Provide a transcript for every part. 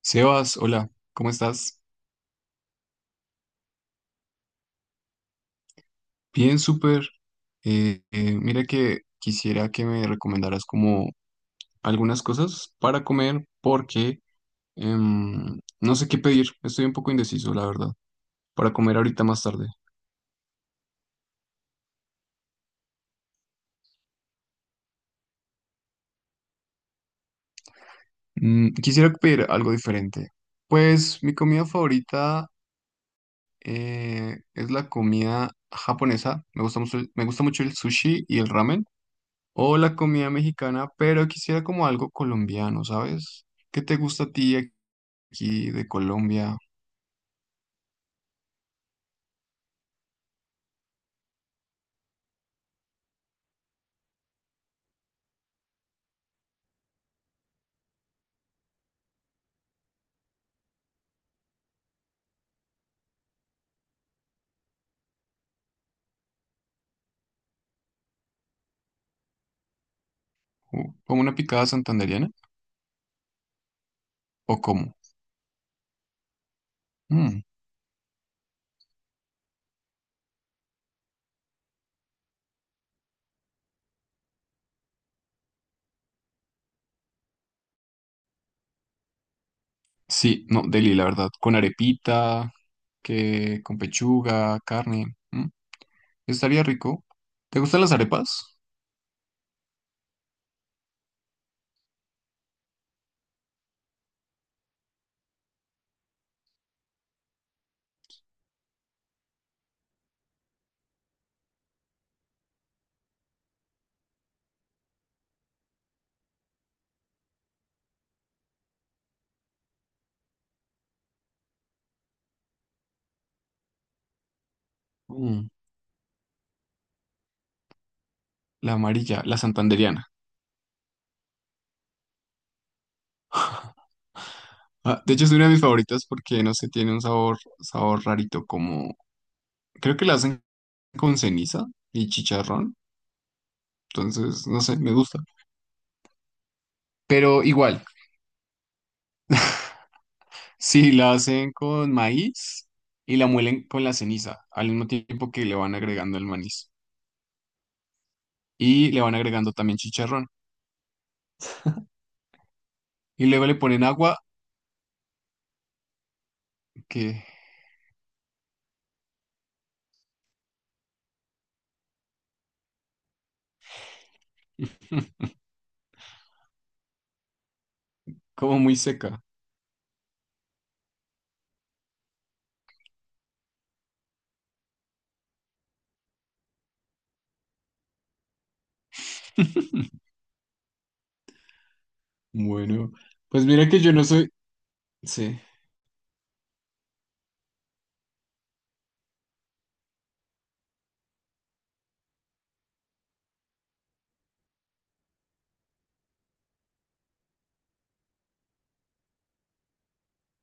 Sebas, hola, ¿cómo estás? Bien, súper. Mira que quisiera que me recomendaras como algunas cosas para comer porque no sé qué pedir. Estoy un poco indeciso, la verdad, para comer ahorita más tarde. Mm, quisiera pedir algo diferente. Pues mi comida favorita es la comida japonesa. Me gusta mucho el sushi y el ramen. O la comida mexicana, pero quisiera como algo colombiano, ¿sabes? ¿Qué te gusta a ti aquí de Colombia? ¿Como una picada santandereana, o como? Sí, no, deli, la verdad, con arepita, que con pechuga, carne, mm, estaría rico. ¿Te gustan las arepas? Mm, la amarilla, la santandereana. Ah, de hecho, es una de mis favoritas porque, no sé, tiene un sabor, sabor rarito, como, creo que la hacen con ceniza y chicharrón, entonces, no sé, me gusta. Pero igual. Sí, la hacen con maíz y la muelen con la ceniza, al mismo tiempo que le van agregando el maíz. Y le van agregando también chicharrón. Y luego le ponen agua que como muy seca. Bueno, pues mira que yo no soy... Sí.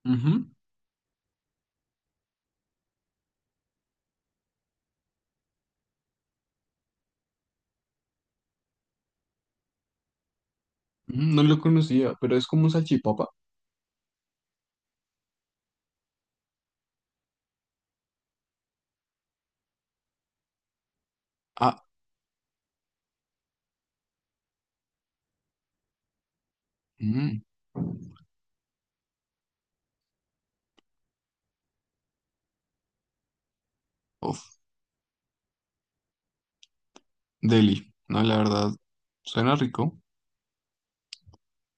Ujú. Ujú. No lo conocía, pero ¿es como un salchipapa? Ah, mm, uf, deli. No, la verdad, suena rico.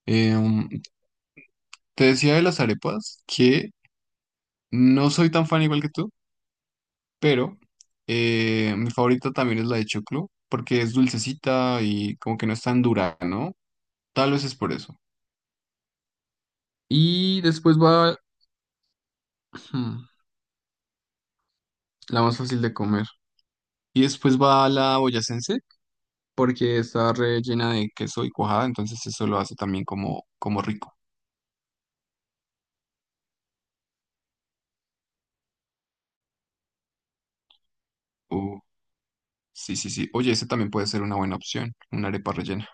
Em, te decía de las arepas que no soy tan fan igual que tú. Pero mi favorita también es la de choclo, porque es dulcecita y como que no es tan dura, ¿no? Tal vez es por eso. Y después va la más fácil de comer. Y después va la boyacense, porque está rellena de queso y cuajada, entonces eso lo hace también como, como rico. Uh, sí, sí, sí. Oye, ese también puede ser una buena opción, una arepa rellena.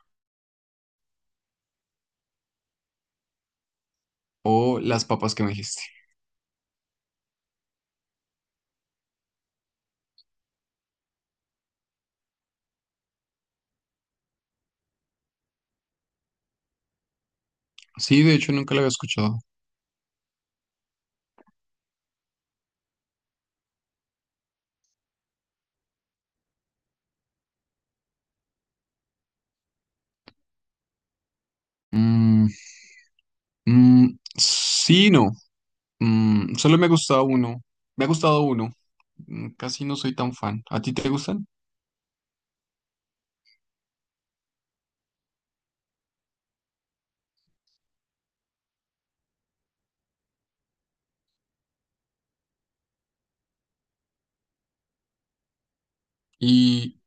O las papas que me dijiste. Sí, de hecho nunca la había escuchado. Mm, mm, sí, no. Mm, solo me ha gustado uno. Me ha gustado uno. Mm, casi no soy tan fan. ¿A ti te gustan? Y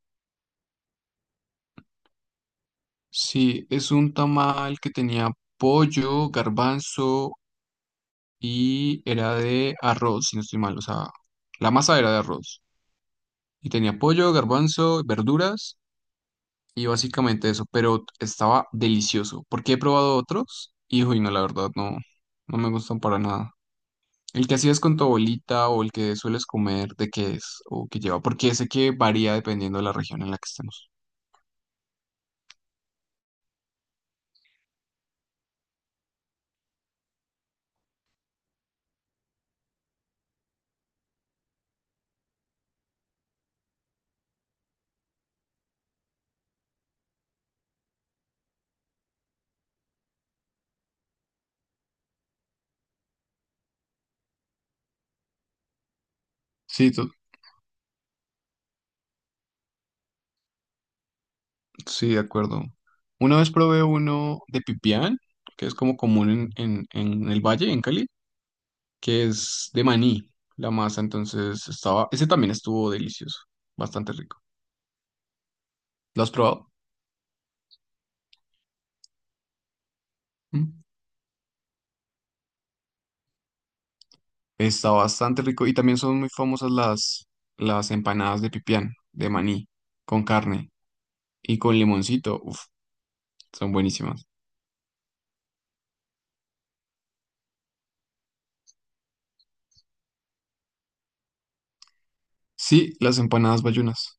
sí, es un tamal que tenía pollo, garbanzo y era de arroz, si no estoy mal. O sea, la masa era de arroz. Y tenía pollo, garbanzo, verduras y básicamente eso. Pero estaba delicioso. Porque he probado otros y, uy, no, la verdad, no, no me gustan para nada. ¿El que hacías con tu abuelita o el que sueles comer, de qué es o qué lleva? Porque sé que varía dependiendo de la región en la que estemos. Sí, sí, de acuerdo. Una vez probé uno de pipián, que es como común en el valle, en Cali, que es de maní, la masa, entonces estaba, ese también estuvo delicioso, bastante rico. ¿Lo has probado? ¿Mm? Está bastante rico y también son muy famosas las empanadas de pipián, de maní, con carne y con limoncito, uf, son buenísimas. Sí, las empanadas bayunas.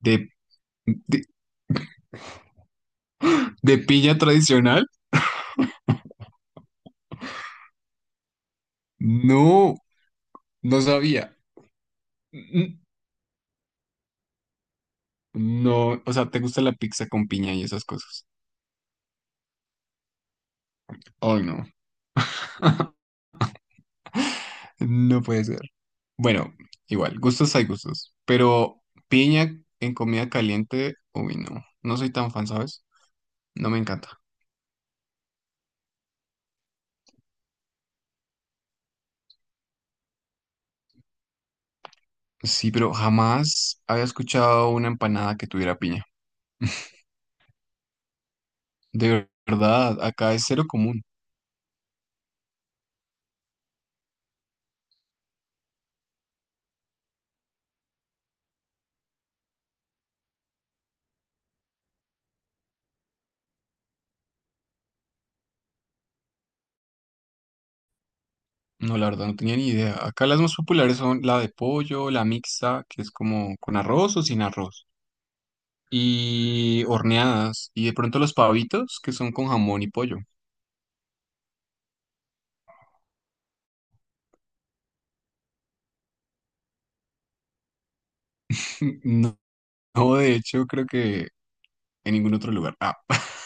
¿De, de, de piña tradicional? No, no sabía. Mm, no, o sea, ¿te gusta la pizza con piña y esas cosas? Oh, no. No puede ser. Bueno, igual, gustos hay gustos. Pero piña en comida caliente, uy, no. No soy tan fan, ¿sabes? No me encanta. Sí, pero jamás había escuchado una empanada que tuviera piña. De verdad, acá es cero común. No, la verdad no tenía ni idea. Acá las más populares son la de pollo, la mixta, que es como con arroz o sin arroz, y horneadas, y de pronto los pavitos, que son con jamón y pollo. No, no, de hecho, creo que en ningún otro lugar. Ah,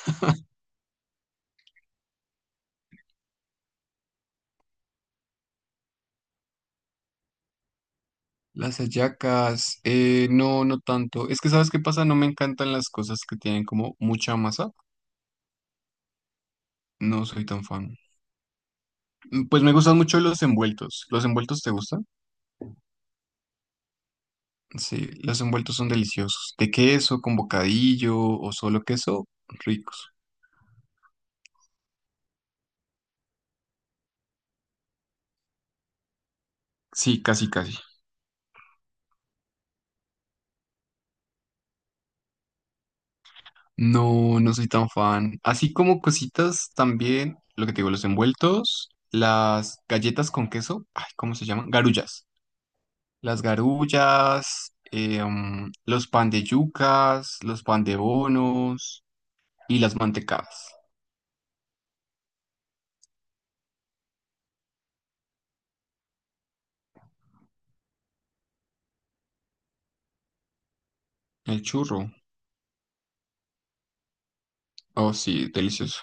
las hallacas, no, no tanto. Es que, ¿sabes qué pasa? No me encantan las cosas que tienen como mucha masa. No soy tan fan. Mm, pues me gustan mucho los envueltos. ¿Los envueltos te gustan? Sí, los envueltos son deliciosos. De queso, con bocadillo o solo queso, ricos. Sí, casi, casi. No, no soy tan fan. Así como cositas también, lo que te digo, los envueltos, las galletas con queso, ay, ¿cómo se llaman? Garullas. Las garullas, mm, los pan de yucas, los pan de bonos y las mantecadas. El churro. Oh, sí, delicioso.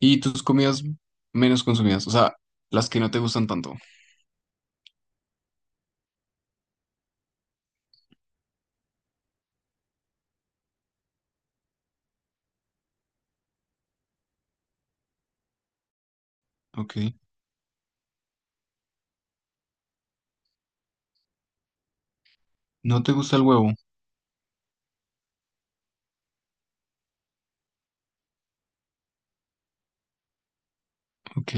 ¿Y tus comidas menos consumidas? O sea, las que no te gustan tanto. Ok. ¿No te gusta el huevo? Ok.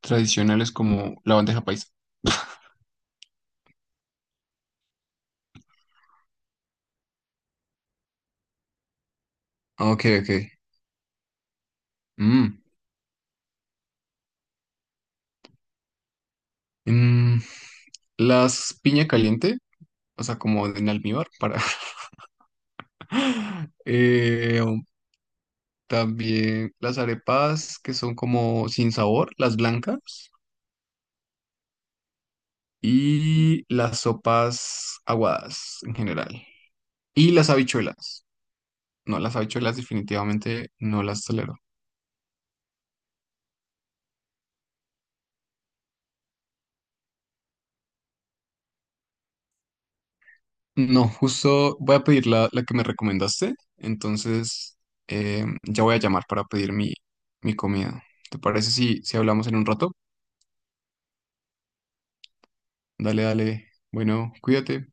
Tradicionales como la bandeja paisa. Ok, ok. Mm. Mm, las piña caliente, o sea, como en almíbar para... Eh, también las arepas que son como sin sabor, las blancas. Y las sopas aguadas en general. Y las habichuelas. No, las habichuelas definitivamente no las tolero. No, justo voy a pedir la que me recomendaste, entonces ya voy a llamar para pedir mi comida. ¿Te parece si, si hablamos en un rato? Dale, dale. Bueno, cuídate.